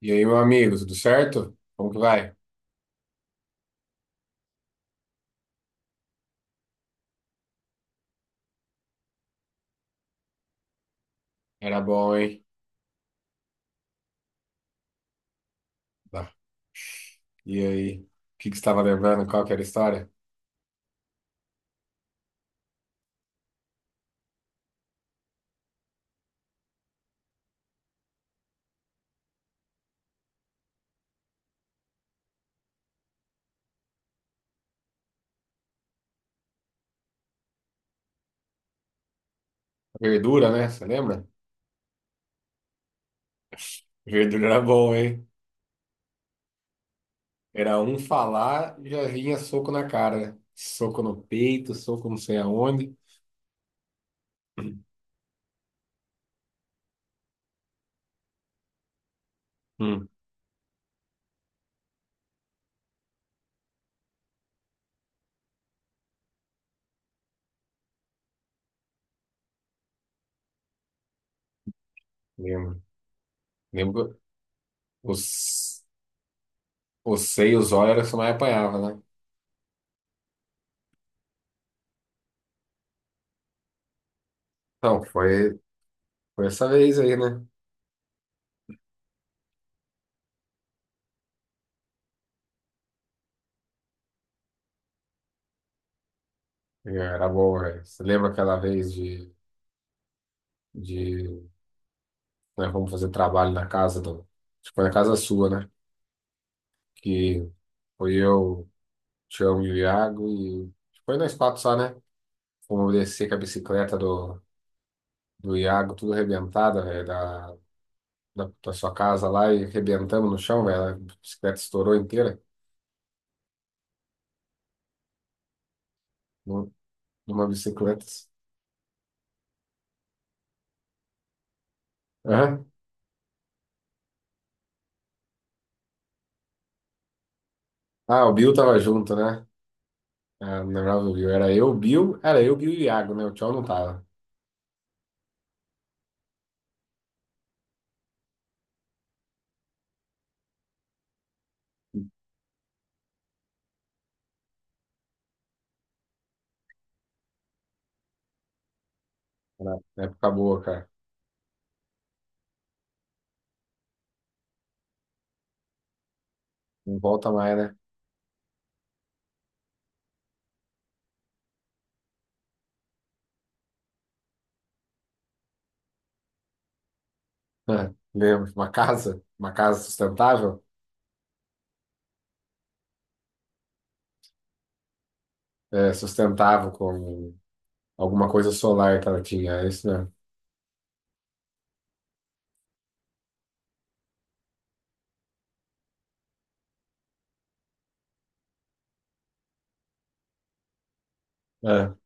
E aí, meu amigo, tudo certo? Como que vai? Era bom, hein? Tá. E aí, o que que você estava lembrando? Qual que era a história? Verdura, né? Você lembra? Verdura era bom, hein? Era um falar, já vinha soco na cara, né? Soco no peito, soco não sei aonde. Hum, lembro. Lembro que os, os seios, olhos era o que você mais apanhava, né? Não, foi essa vez aí, né? Era bom, velho. Você lembra aquela vez de, de né? Vamos fazer trabalho na casa do. Acho que foi na casa sua, né? Que foi eu, Tião e o Iago e. Acho que foi nós quatro só, né? Fomos descer com a bicicleta do Iago, tudo arrebentada, velho, da sua casa lá e arrebentamos no chão, velho. A bicicleta estourou inteira nu- numa bicicleta. Aham. Ah, o Bill tava junto, né? Ah, não lembrava do Bill. Era eu, o Bill e o Iago, né? O Tião não tava. Era época boa, cara. Não volta mais, né? É, lembro, uma casa sustentável, é, sustentável com alguma coisa solar que ela tinha, é isso mesmo. É.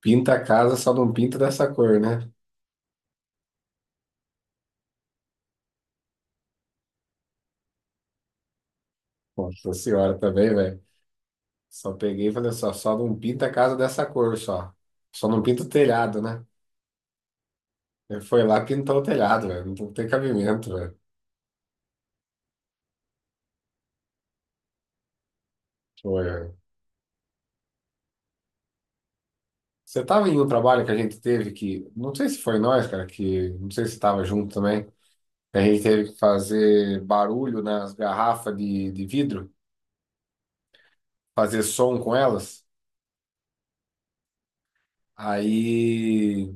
Pinta a casa, só não pinta dessa cor, né? Nossa senhora também, velho. Só peguei e falei só não pinta a casa dessa cor, só. Só não pinta o telhado, né? Ele foi lá e pintou o telhado, velho. Não tem cabimento, velho. Foi, velho. Você tava em um trabalho que a gente teve que, não sei se foi nós, cara, que, não sei se você tava junto também. A gente teve que fazer barulho nas garrafas de vidro, fazer som com elas. Aí,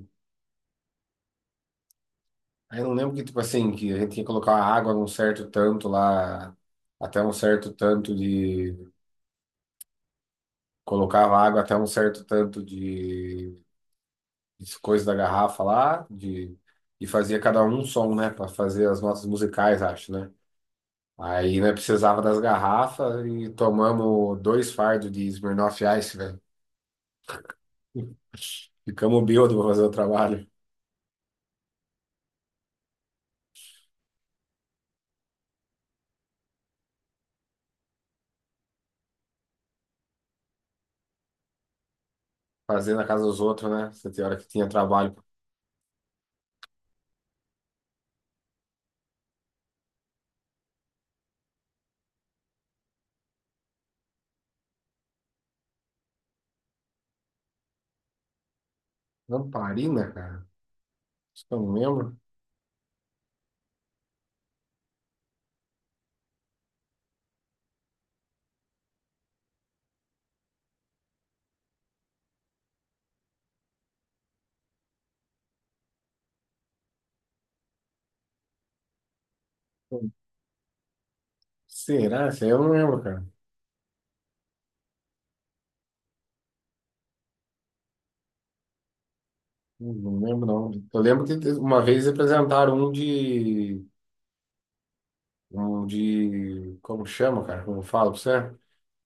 aí, eu não lembro que, tipo assim, que a gente tinha que colocar a água num certo tanto lá, até um certo tanto de. Colocava água até um certo tanto de, coisa da garrafa lá, de, e fazia cada um um som, né, para fazer as notas musicais, acho, né? Aí, né, precisava das garrafas e tomamos dois fardos de Smirnoff Ice, velho. Ficamos bêbados pra fazer o trabalho. Fazer na casa dos outros, né? Você tem hora que tinha trabalho. Lamparina, cara? Acho que eu não lembro. Será? Isso aí eu não lembro, cara. Não, não lembro, não. Eu lembro que uma vez apresentaram um de... Um de... Como chama, cara? Como eu falo pra você?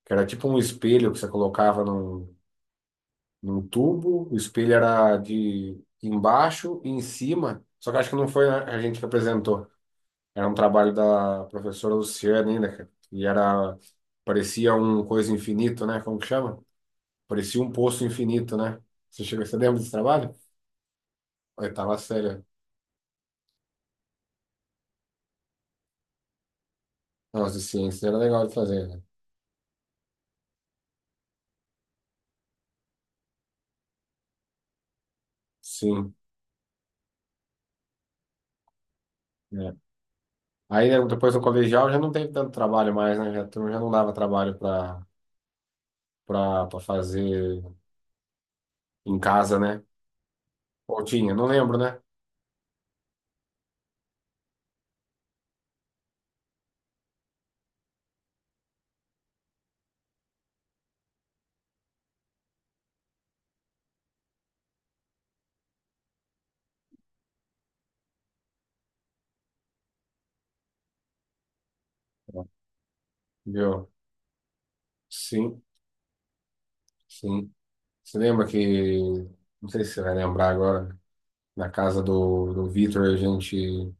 Que era tipo um espelho que você colocava num tubo. O espelho era de embaixo e em cima. Só que acho que não foi a gente que apresentou. Era um trabalho da professora Luciana ainda, cara. Parecia um coisa infinito, né? Como que chama? Parecia um poço infinito, né? Você lembra desse trabalho? Oitava série. Nossa, de ciência era legal de fazer, né? Sim. Né? Aí né, depois do colegial já não teve tanto trabalho mais, né? Já, a turma já não dava trabalho para fazer em casa, né? Ou tinha, não lembro, né? Viu? Sim, sim. Você lembra que, não sei se você vai lembrar agora, na casa do Vitor, a gente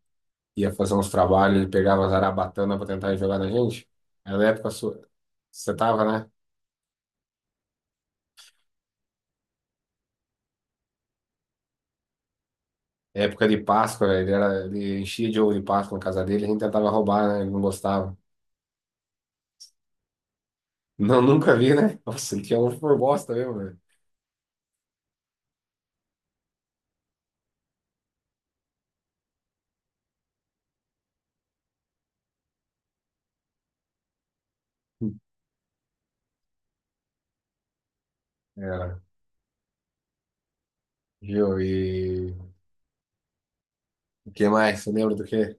ia fazer uns trabalhos, ele pegava as arabatanas para tentar jogar na gente. Era época sua. Você tava, né? Época de Páscoa, ele enchia de ovo de Páscoa na casa dele, a gente tentava roubar, né? Ele não gostava. Não, nunca vi, né? Nossa, ele tinha ovo por bosta mesmo, velho. Era. Viu? E o que mais? Você lembra do quê?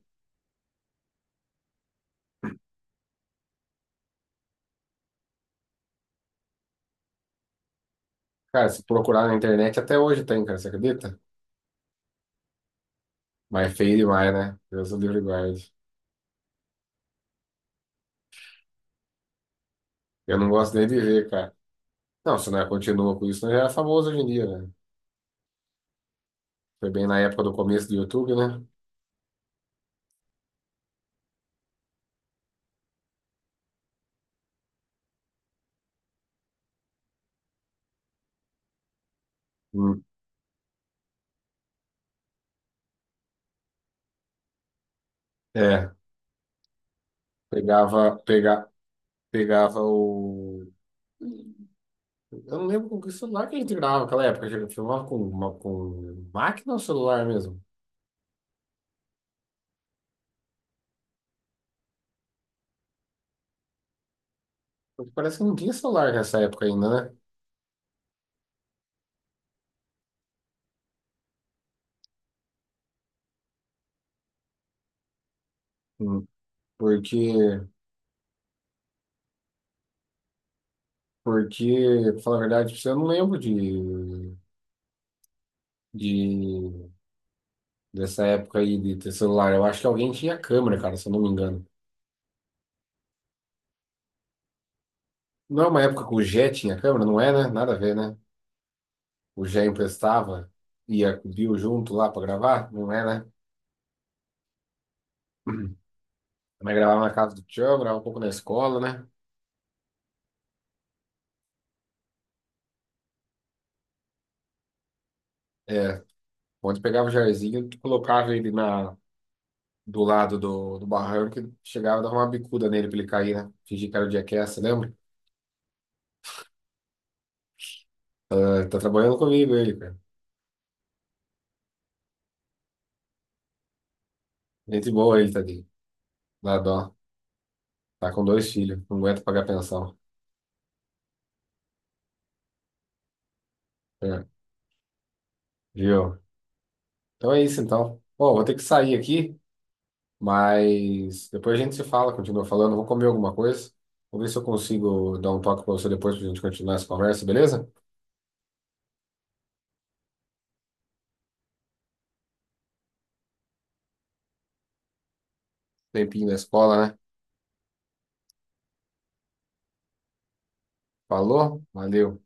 Cara, se procurar na internet até hoje tem, cara, você acredita? Mas é feio demais, né? Deus o livre e guarde. Eu não gosto nem de ver, cara. Não, se não é, continua com isso, não já é famoso hoje em dia, né? Foi bem na época do começo do YouTube, né? Hum. É, pegava, pega, pegava o. Eu não lembro com que celular que a gente gravava naquela época. A gente filmava com máquina ou celular mesmo? Porque parece que não tinha celular nessa época ainda, né? Hum, Porque, porque, pra falar a verdade, pra você, eu não lembro de, dessa época aí de ter celular. Eu acho que alguém tinha câmera, cara, se eu não me engano. Não é uma época que o Jet tinha câmera, não é, né? Nada a ver, né? O Jé emprestava, ia com Bill junto lá pra gravar, não é, né? Uhum. Mas gravava na casa do tio, gravava um pouco na escola, né? É, onde pegava o Jairzinho, tu colocava ele do lado do barranco e chegava e dava uma bicuda nele pra ele cair, né? Fingir que era o Jackass, lembra? Tá, tá trabalhando comigo ele, cara. Gente boa ele, tadinho. Dá dó. Tá com dois filhos, não aguenta pagar pensão. É, viu? Então é isso então. Pô, vou ter que sair aqui. Mas depois a gente se fala, continua falando. Vou comer alguma coisa. Vou ver se eu consigo dar um toque para você depois para a gente continuar essa conversa, beleza? Tempinho da escola, né? Falou, valeu.